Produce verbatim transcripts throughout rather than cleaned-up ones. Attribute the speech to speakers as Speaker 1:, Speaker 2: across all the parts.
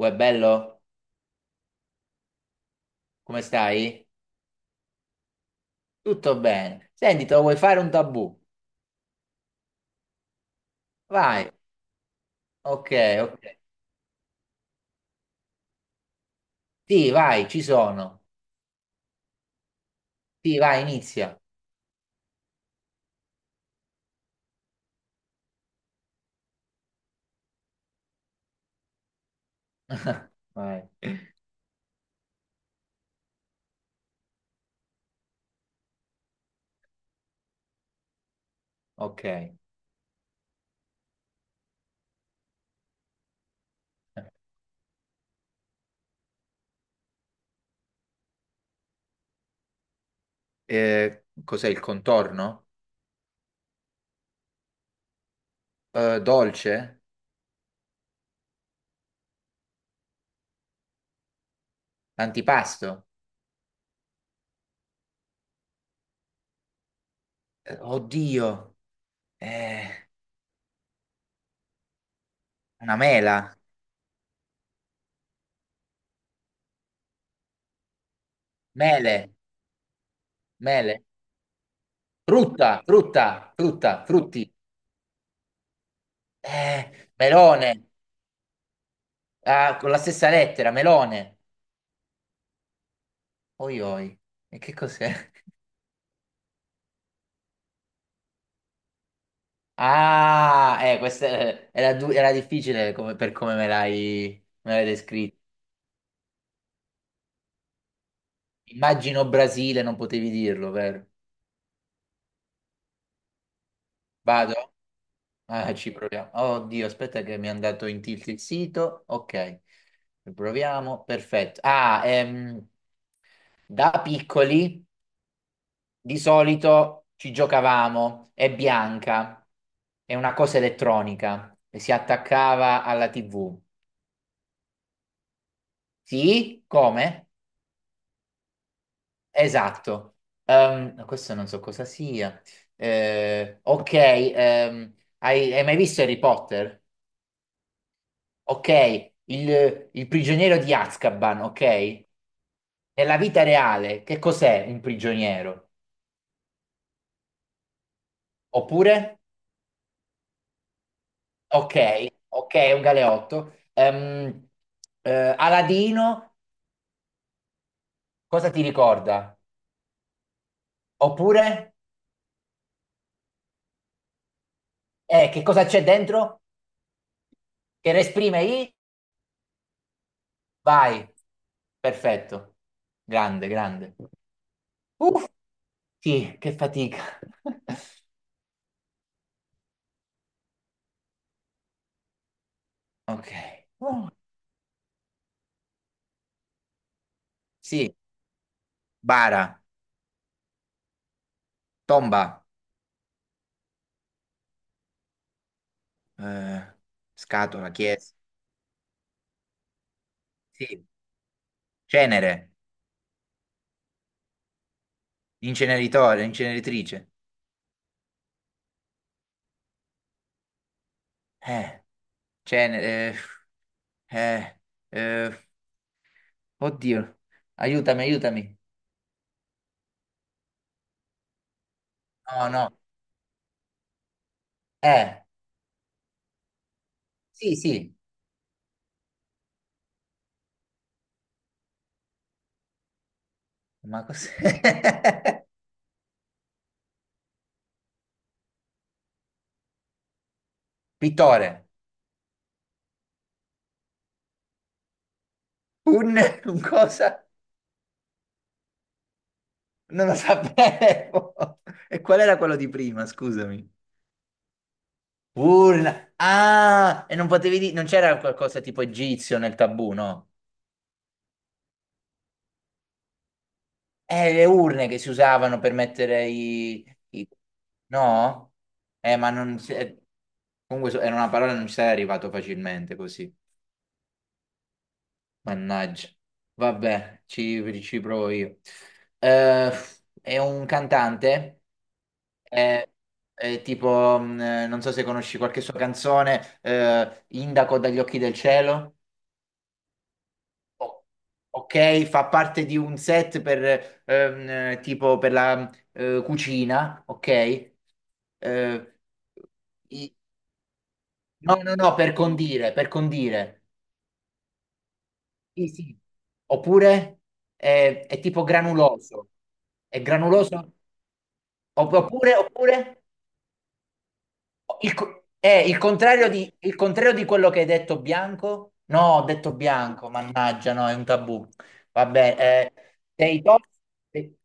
Speaker 1: Uè, bello? Come stai? Tutto bene. Senti, te lo vuoi fare un tabù? Vai. Ok, ok. Sì, vai, ci sono. Sì, vai, inizia. Vai. Ok. Eh, cos'è il contorno? Eh, dolce? Antipasto? Eh, oddio. Eh, una mela. Mele. Mele. Frutta, frutta, frutta, frutti. Eh, melone. Ah, con la stessa lettera, melone. Oi, oi. E che cos'è? Ah, eh, questa eh, era, du- era difficile come- per come me l'hai me l'hai descritto. Immagino Brasile, non potevi dirlo, vero? Vado? Ah, ci proviamo. Oddio, aspetta che mi è andato in tilt il sito. Ok, proviamo. Perfetto. Ah, ehm, da piccoli di solito ci giocavamo. È bianca, è una cosa elettronica e si attaccava alla T V. Sì? Come? Esatto. Ehm, no, questo non so cosa sia. Eh, ok, ehm, hai, hai mai visto Harry Potter? Ok, il, il prigioniero di Azkaban, ok? Nella vita reale, che cos'è un prigioniero? Oppure? Ok, ok, è un galeotto. Ehm, eh, Aladino, cosa ti ricorda? Oppure? Eh, che cosa c'è dentro? Che esprime i? Vai, perfetto. Grande, grande. Uff, sì, che fatica. Ok. Oh, sì, bara, tomba, eh, scatola, chiesa. Sì, cenere, inceneritore, inceneritrice. Eh, cenere, eh, eh, eh, oddio, aiutami, aiutami. No, no. Eh, sì, sì, ma cos'è? Pittore. Un, un cosa? Non lo sapevo. E qual era quello di prima, scusami? Urna. Ah, e non potevi dire, non c'era qualcosa tipo egizio nel tabù, no? Eh, le urne che si usavano per mettere i... i- No? Eh, ma non... si- eh, comunque so- era una parola non ci sarei arrivato facilmente così. Mannaggia. Vabbè, ci, ci provo io. Eh, è un cantante, eh, eh, tipo, mh, eh, non so se conosci qualche sua canzone, eh, Indaco dagli occhi del cielo. o- ok, fa parte di un set per ehm, tipo per la eh, cucina, ok? Eh, i- no, no, no, per condire, per condire. Sì, sì. Oppure è, è tipo granuloso. È granuloso? Opp- Oppure, oppure? Il, co- eh, il contrario di, il contrario di quello che hai detto bianco? No, ho detto bianco, mannaggia, no, è un tabù. Vabbè, eh, sei to-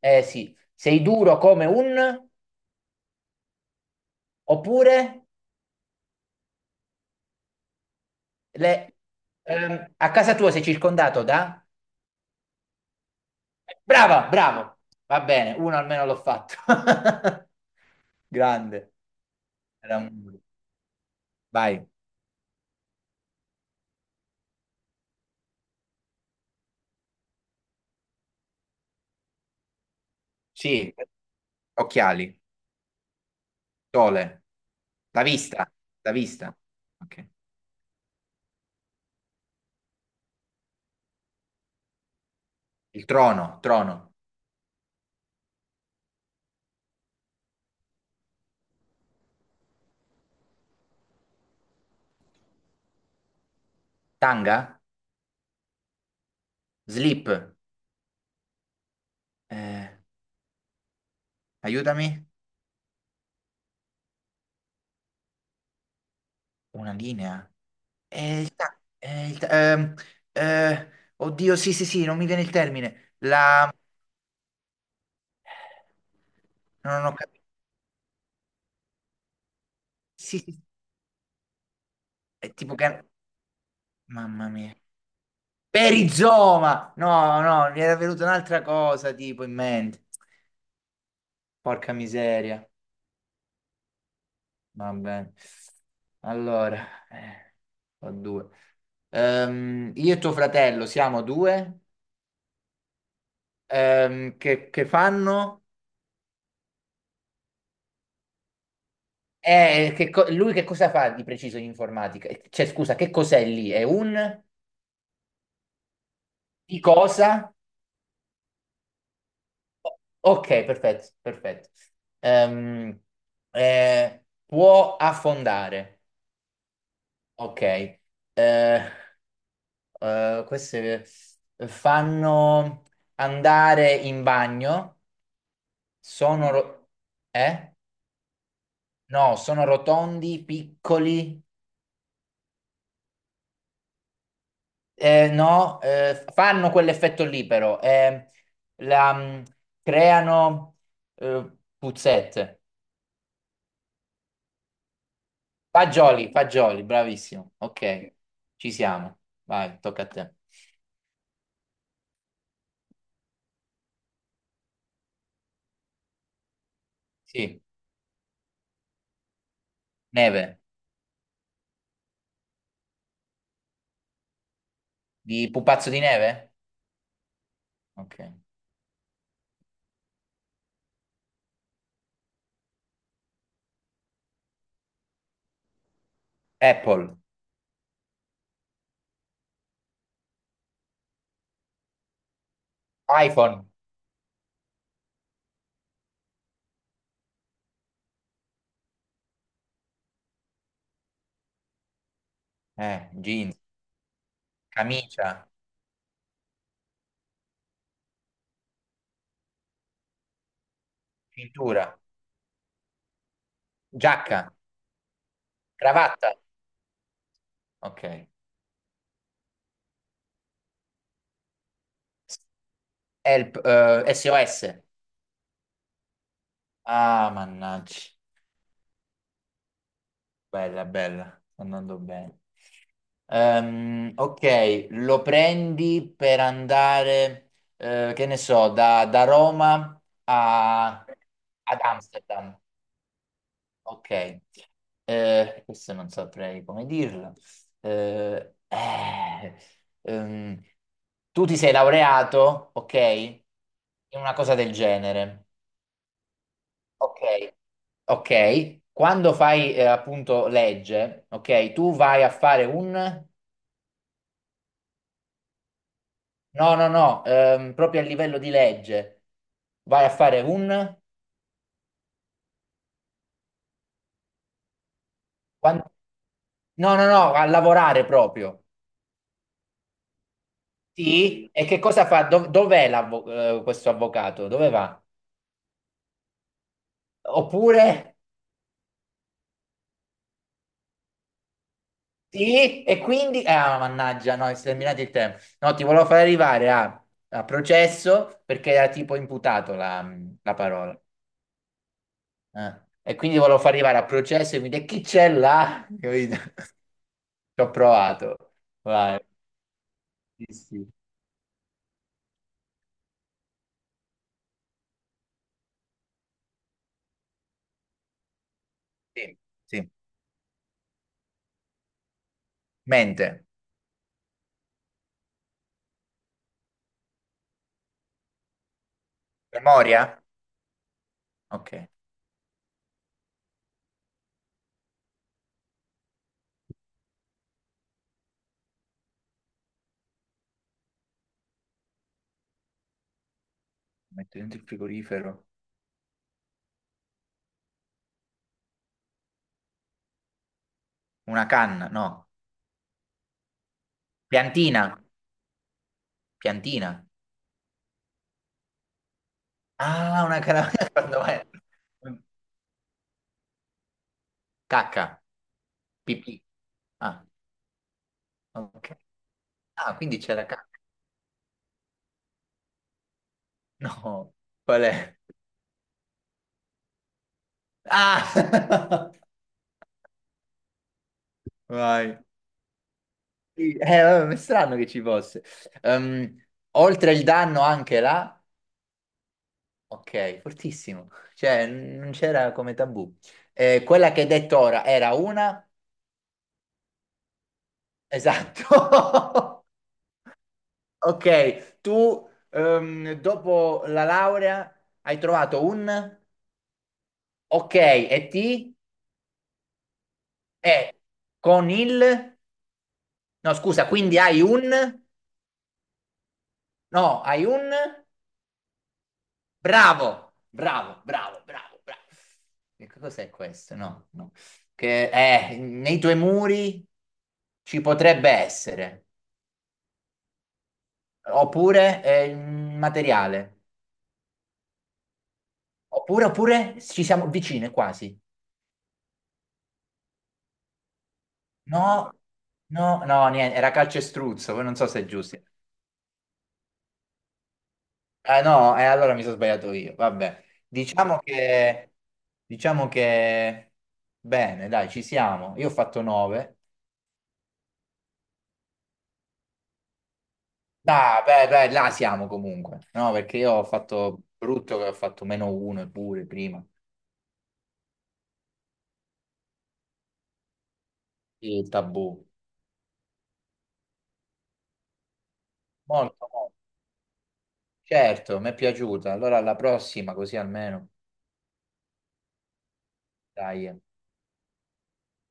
Speaker 1: eh, sì, sei duro come un... Oppure le- ehm, a casa tua sei circondato da... Brava, bravo. Va bene, uno almeno l'ho fatto. Grande. Era un- Vai. Sì, occhiali, sole, la vista, la vista. Ok. Il trono, trono, tanga, slip, eh, aiutami, una linea. Eh, il ta- eh, il ta- ehm, eh, oddio, sì, sì, sì, non mi viene il termine. La... Non ho capito. Sì, sì, sì. È tipo che... Mamma mia. Perizoma! No, no, mi era venuta un'altra cosa tipo in mente. Porca miseria. Va bene. Allora, eh, ho due. Ehm, io e tuo fratello siamo due? Ehm, che, che fanno? Eh, che co- lui che cosa fa di preciso in informatica? Cioè, scusa, che cos'è lì? È un di cosa? O- Ok, perfetto, perfetto. Ehm, eh, può affondare. Ok. Eh, eh, queste fanno andare in bagno. Sono, ro- eh? No, sono rotondi, piccoli. Eh, no, eh, fanno quell'effetto lì però, eh, la, mm, creano eh, puzzette. Fagioli, fagioli, bravissimo. Ok, ci siamo. Vai, tocca a te. Sì, neve. Di pupazzo di neve? Ok. Apple, iPhone, eh, jeans, camicia, cintura, giacca, cravatta. Ok. Help, eh, S O S. Ah, mannaggia. Bella, bella, sta andando bene. Ehm, ok, lo prendi per andare, eh, che ne so, da, da Roma a, ad Amsterdam. Ok, Eh, questo non saprei come dirlo. Eh, eh, ehm, tu ti sei laureato, ok, in una cosa del genere. Ok, ok. Quando fai eh, appunto legge, ok, tu vai a fare un... No, no, no, ehm, proprio a livello di legge. Vai a fare un... quan- No, no, no, a lavorare proprio. Sì, e che cosa fa? Dov- Dov'è l'avvo- eh, questo avvocato? Dove va? Oppure... Sì, e quindi... Ah, mannaggia, no, è terminato il tempo. No, ti volevo far arrivare a, a processo perché era tipo imputato la la parola. eh. E quindi volevo far arrivare a processo e mi dice chi c'è là? Capito? Ci ho provato. Vai. Sì, sì. Sì, sì. Mente. Memoria? Ok. Metto dentro il frigorifero. Una canna? No. Piantina? Piantina. Ah, una caramella quando vai. Cacca. Pipì. Ah, ok. Ah, quindi c'è la cacca. No. Qual è? Ah! Vai. Sì, eh, vabbè, è strano che ci fosse. Ehm, oltre il danno anche là, ok, fortissimo. Cioè, n- non c'era come tabù. Eh, quella che hai detto ora era una? Esatto. Ok, tu ehm, dopo la laurea hai trovato un? Ok, e ti? E con il? No, scusa, quindi hai un? No, hai un? Bravo, bravo, bravo, bravo, bravo. Che cos'è questo? No, no. Che eh, nei tuoi muri ci potrebbe essere, oppure è il materiale, oppure, oppure ci siamo vicine quasi. No, no, no, niente, era calcestruzzo, poi non so se è giusto. Ah no, e allora mi sono sbagliato io, vabbè. Diciamo che, diciamo che, bene, dai, ci siamo. Io ho fatto nove. Dai, beh, beh, là siamo comunque, no? Perché io ho fatto brutto che ho fatto meno uno pure prima, il tabù. Molto, molto. Certo, mi è piaciuta. Allora alla prossima, così almeno. Dai.